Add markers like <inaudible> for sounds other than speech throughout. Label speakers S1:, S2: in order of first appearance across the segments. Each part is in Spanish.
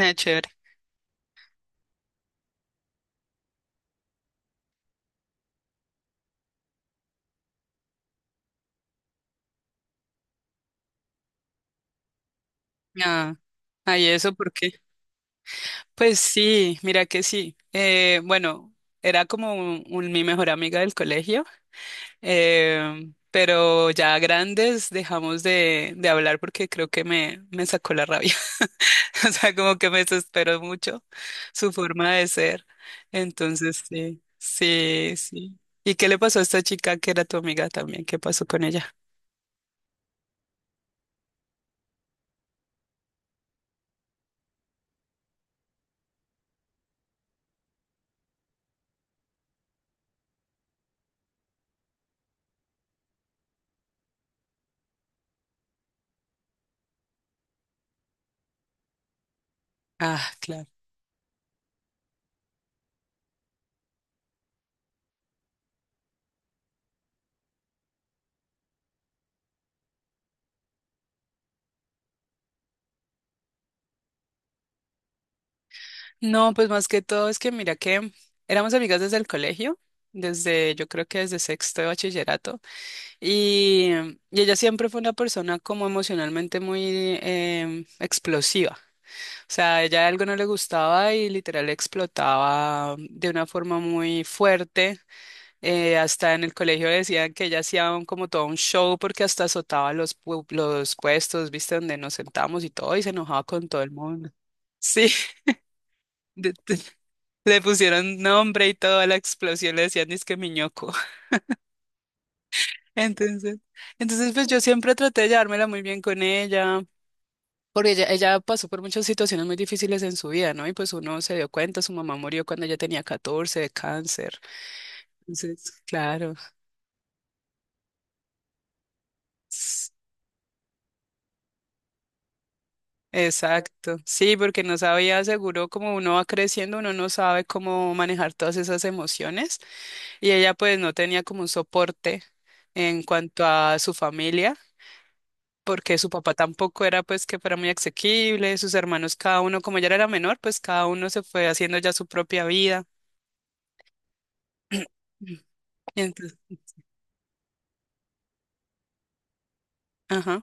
S1: Ah, chévere. Ah, ah, ¿y eso por qué? Pues sí, mira que sí. Bueno, era como mi mejor amiga del colegio, pero ya grandes dejamos de hablar porque creo que me sacó la rabia. <laughs> O sea, como que me desesperó mucho su forma de ser. Entonces, sí, sí, sí. ¿Y qué le pasó a esta chica que era tu amiga también? ¿Qué pasó con ella? Ah, claro. No, pues más que todo es que mira que éramos amigas desde el colegio, desde yo creo que desde sexto de bachillerato, y, y ella siempre fue una persona como emocionalmente muy explosiva. O sea, ella algo no le gustaba y literal explotaba de una forma muy fuerte. Hasta en el colegio decían que ella hacía como todo un show porque hasta azotaba los puestos, viste, donde nos sentamos y todo, y se enojaba con todo el mundo. Sí. <laughs> Le pusieron nombre y todo a la explosión, le decían disque miñoco. <laughs> Entonces, entonces pues yo siempre traté de llevármela muy bien con ella, porque ella pasó por muchas situaciones muy difíciles en su vida, ¿no? Y pues uno se dio cuenta, su mamá murió cuando ella tenía 14 de cáncer. Entonces, claro. s- Exacto. Sí, porque no sabía, seguro, como uno va creciendo, uno no sabe cómo manejar todas esas emociones. Y ella pues no tenía como un soporte en cuanto a su familia. Porque su papá tampoco era pues que fuera muy asequible, sus hermanos cada uno, como ella era la menor, pues cada uno se fue haciendo ya su propia vida. Mm. Y entonces, ajá.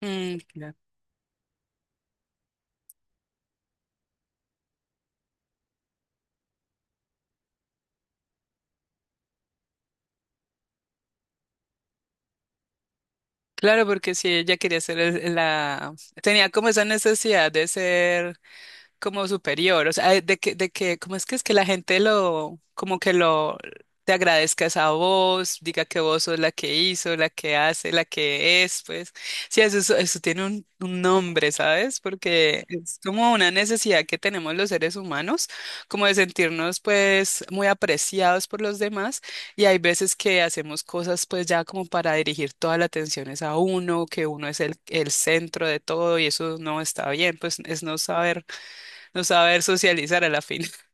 S1: Mm, claro. Claro, porque si ella quería ser la... tenía como esa necesidad de ser como superior, o sea, de que, ¿cómo es que la gente lo, como que lo, te agradezcas a vos, diga que vos sos la que hizo, la que hace, la que es, pues, sí, eso, eso tiene un nombre, ¿sabes? Porque es como una necesidad que tenemos los seres humanos, como de sentirnos, pues, muy apreciados por los demás, y hay veces que hacemos cosas, pues, ya como para dirigir toda la atención es a uno, que uno es el centro de todo, y eso no está bien, pues, es no saber socializar a la fin. <laughs>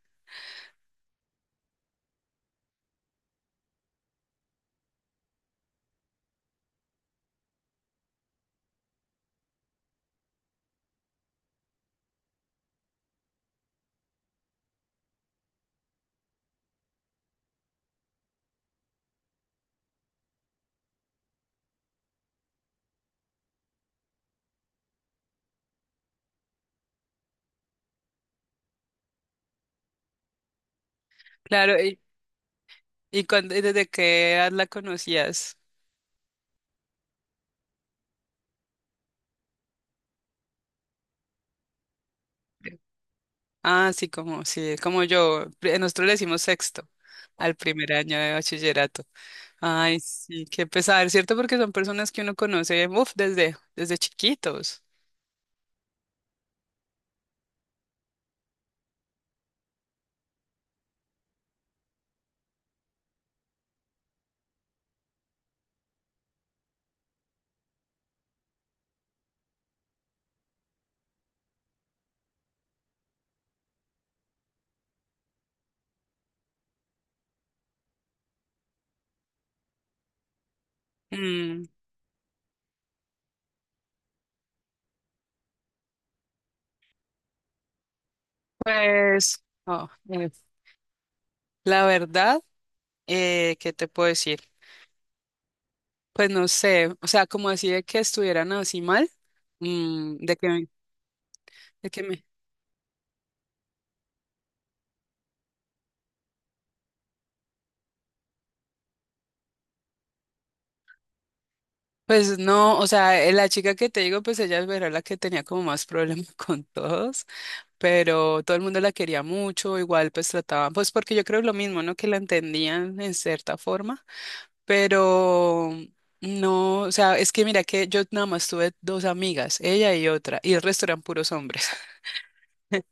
S1: Claro, y, ¿y y desde qué edad la conocías? Ah, sí, como yo. Nosotros le decimos sexto al primer año de bachillerato. Ay, sí, qué pesar, ¿cierto? Porque son personas que uno conoce, uf, desde chiquitos. Mm. Pues, no, la verdad, ¿qué te puedo decir? Pues no sé, o sea, como así de que estuvieran así mal, de que, de que me, pues no, o sea, la chica que te digo, pues ella era la que tenía como más problemas <laughs> con todos, pero todo el mundo la quería mucho, igual pues trataban, pues porque yo creo lo mismo, ¿no? Que la entendían en cierta forma, pero... No, o sea, es que mira que yo nada más tuve dos amigas, ella y otra, y el resto eran puros hombres. <laughs>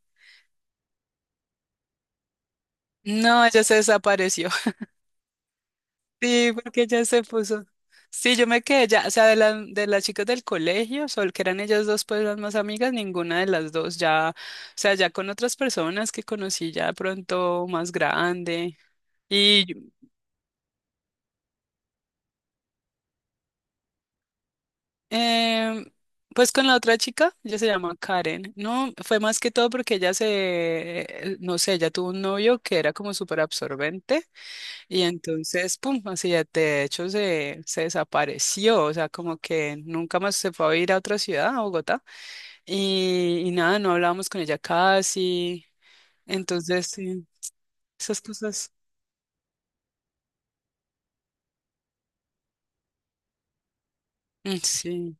S1: No, ella se desapareció. <laughs> Sí, porque ella se puso. Sí, yo me quedé ya, o sea, de las chicas del colegio, sol que eran ellas dos pues las más amigas, ninguna de las dos ya, o sea, ya con otras personas que conocí ya de pronto más grande. Y em, pues con la otra chica, ella se llama Karen. No, fue más que todo porque no sé, ella tuvo un novio que era como súper absorbente. Y entonces, pum, así de hecho se desapareció, o sea, como que nunca más se fue a ir a otra ciudad, a Bogotá, y nada, no hablábamos con ella casi, entonces, sí, esas cosas, mm, sí.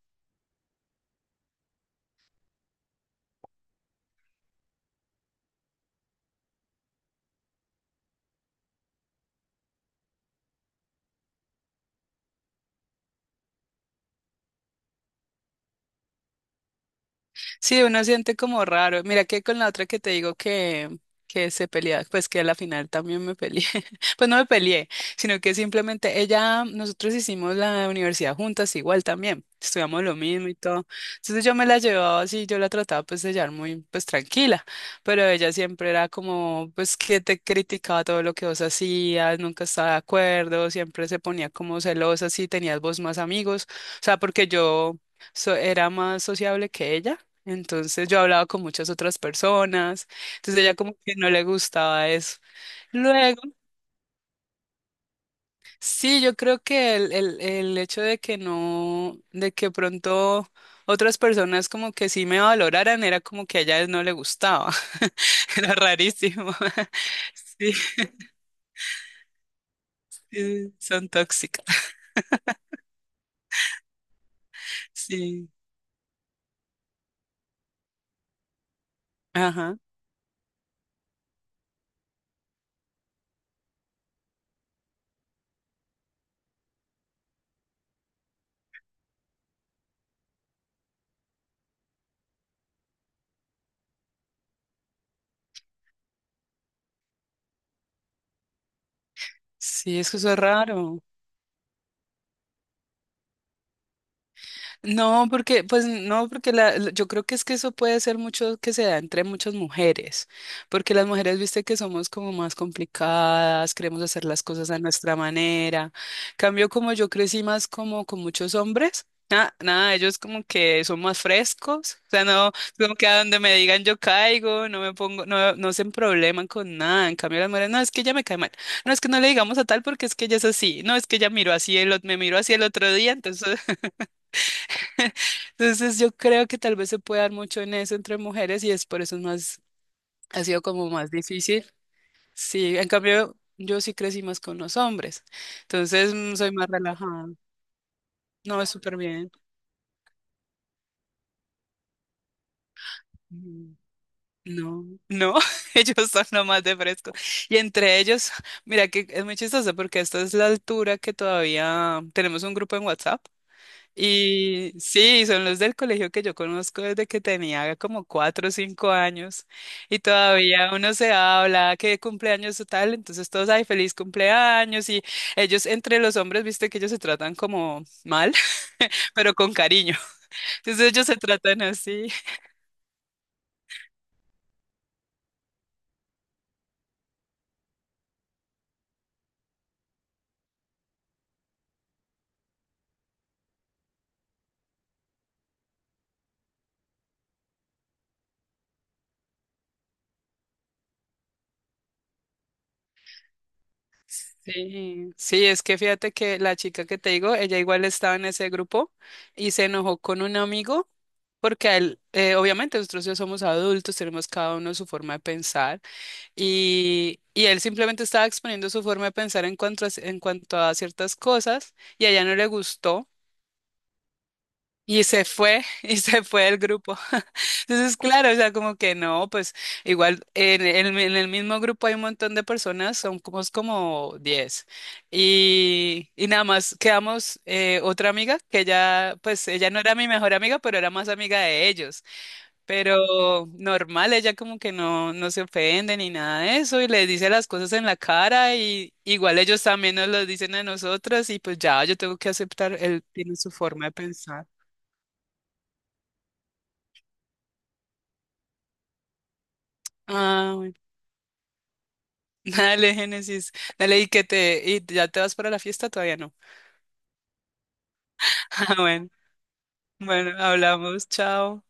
S1: Sí, uno siente como raro. Mira que con la otra que te digo que se peleaba, pues que a la final también me peleé. <laughs> Pues no me peleé, sino que simplemente ella, nosotros hicimos la universidad juntas igual también. Estudiamos lo mismo y todo. Entonces yo me la llevaba así, yo la trataba pues de llevar muy pues tranquila, pero ella siempre era como pues que te criticaba todo lo que vos hacías, nunca estaba de acuerdo, siempre se ponía como celosa si tenías vos más amigos, o sea, porque yo era más sociable que ella. Entonces yo hablaba con muchas otras personas, entonces ella como que no le gustaba eso. Luego, sí, yo creo que el hecho de que no, de que pronto otras personas como que sí me valoraran era como que a ella no le gustaba. <laughs> Era rarísimo. <laughs> Sí, sí, son tóxicas. Sí, ajá. Sí, es que eso es raro. No, porque, pues no, porque yo creo que es que eso puede ser mucho que se da entre muchas mujeres, porque las mujeres, viste que somos como más complicadas, queremos hacer las cosas a nuestra manera. Cambio como yo crecí más como con muchos hombres, nada, ellos como que son más frescos, o sea, no, como que a donde me digan yo caigo, no me pongo, no se probleman con nada. En cambio las mujeres, no, es que ella me cae mal, no, es que no le digamos a tal porque es que ella es así, no, es que ella miró así, me miró así el otro día, entonces. <laughs> Entonces yo creo que tal vez se puede dar mucho en eso entre mujeres y es por eso es más, ha sido como más difícil. Sí, en cambio yo sí crecí más con los hombres, entonces mm, soy más relajada. No, es súper bien. Mm, no, no, <laughs> ellos son lo más de fresco. Y entre ellos, mira que es muy chistoso porque esta es la altura que todavía tenemos un grupo en WhatsApp. Y sí, son los del colegio que yo conozco desde que tenía como 4 o 5 años y todavía uno se habla que cumpleaños o tal, entonces todos, ay, feliz cumpleaños y ellos entre los hombres, viste que ellos se tratan como mal, <laughs> pero con cariño, entonces ellos se tratan así. Sí, sí, es que fíjate que la chica que te digo, ella igual estaba en ese grupo y se enojó con un amigo porque a él, obviamente nosotros ya somos adultos, tenemos cada uno su forma de pensar. Y él simplemente estaba exponiendo su forma de pensar en cuanto a ciertas cosas y a ella no le gustó y se fue <laughs> y se fue del grupo. <laughs> Entonces, claro, o sea, como que no, pues igual en el mismo grupo hay un montón de personas, son como, como 10 y nada más quedamos otra amiga que ella, pues ella no era mi mejor amiga, pero era más amiga de ellos. Pero normal, ella como que no, no se ofende ni nada de eso y les dice las cosas en la cara y igual ellos también nos lo dicen a nosotras y pues ya yo tengo que aceptar, él tiene su forma de pensar. Ah, bueno. <laughs> Dale, Génesis, dale y que te, y ya te vas para la fiesta, todavía no. <laughs> Ah, bueno, bueno, hablamos, chao.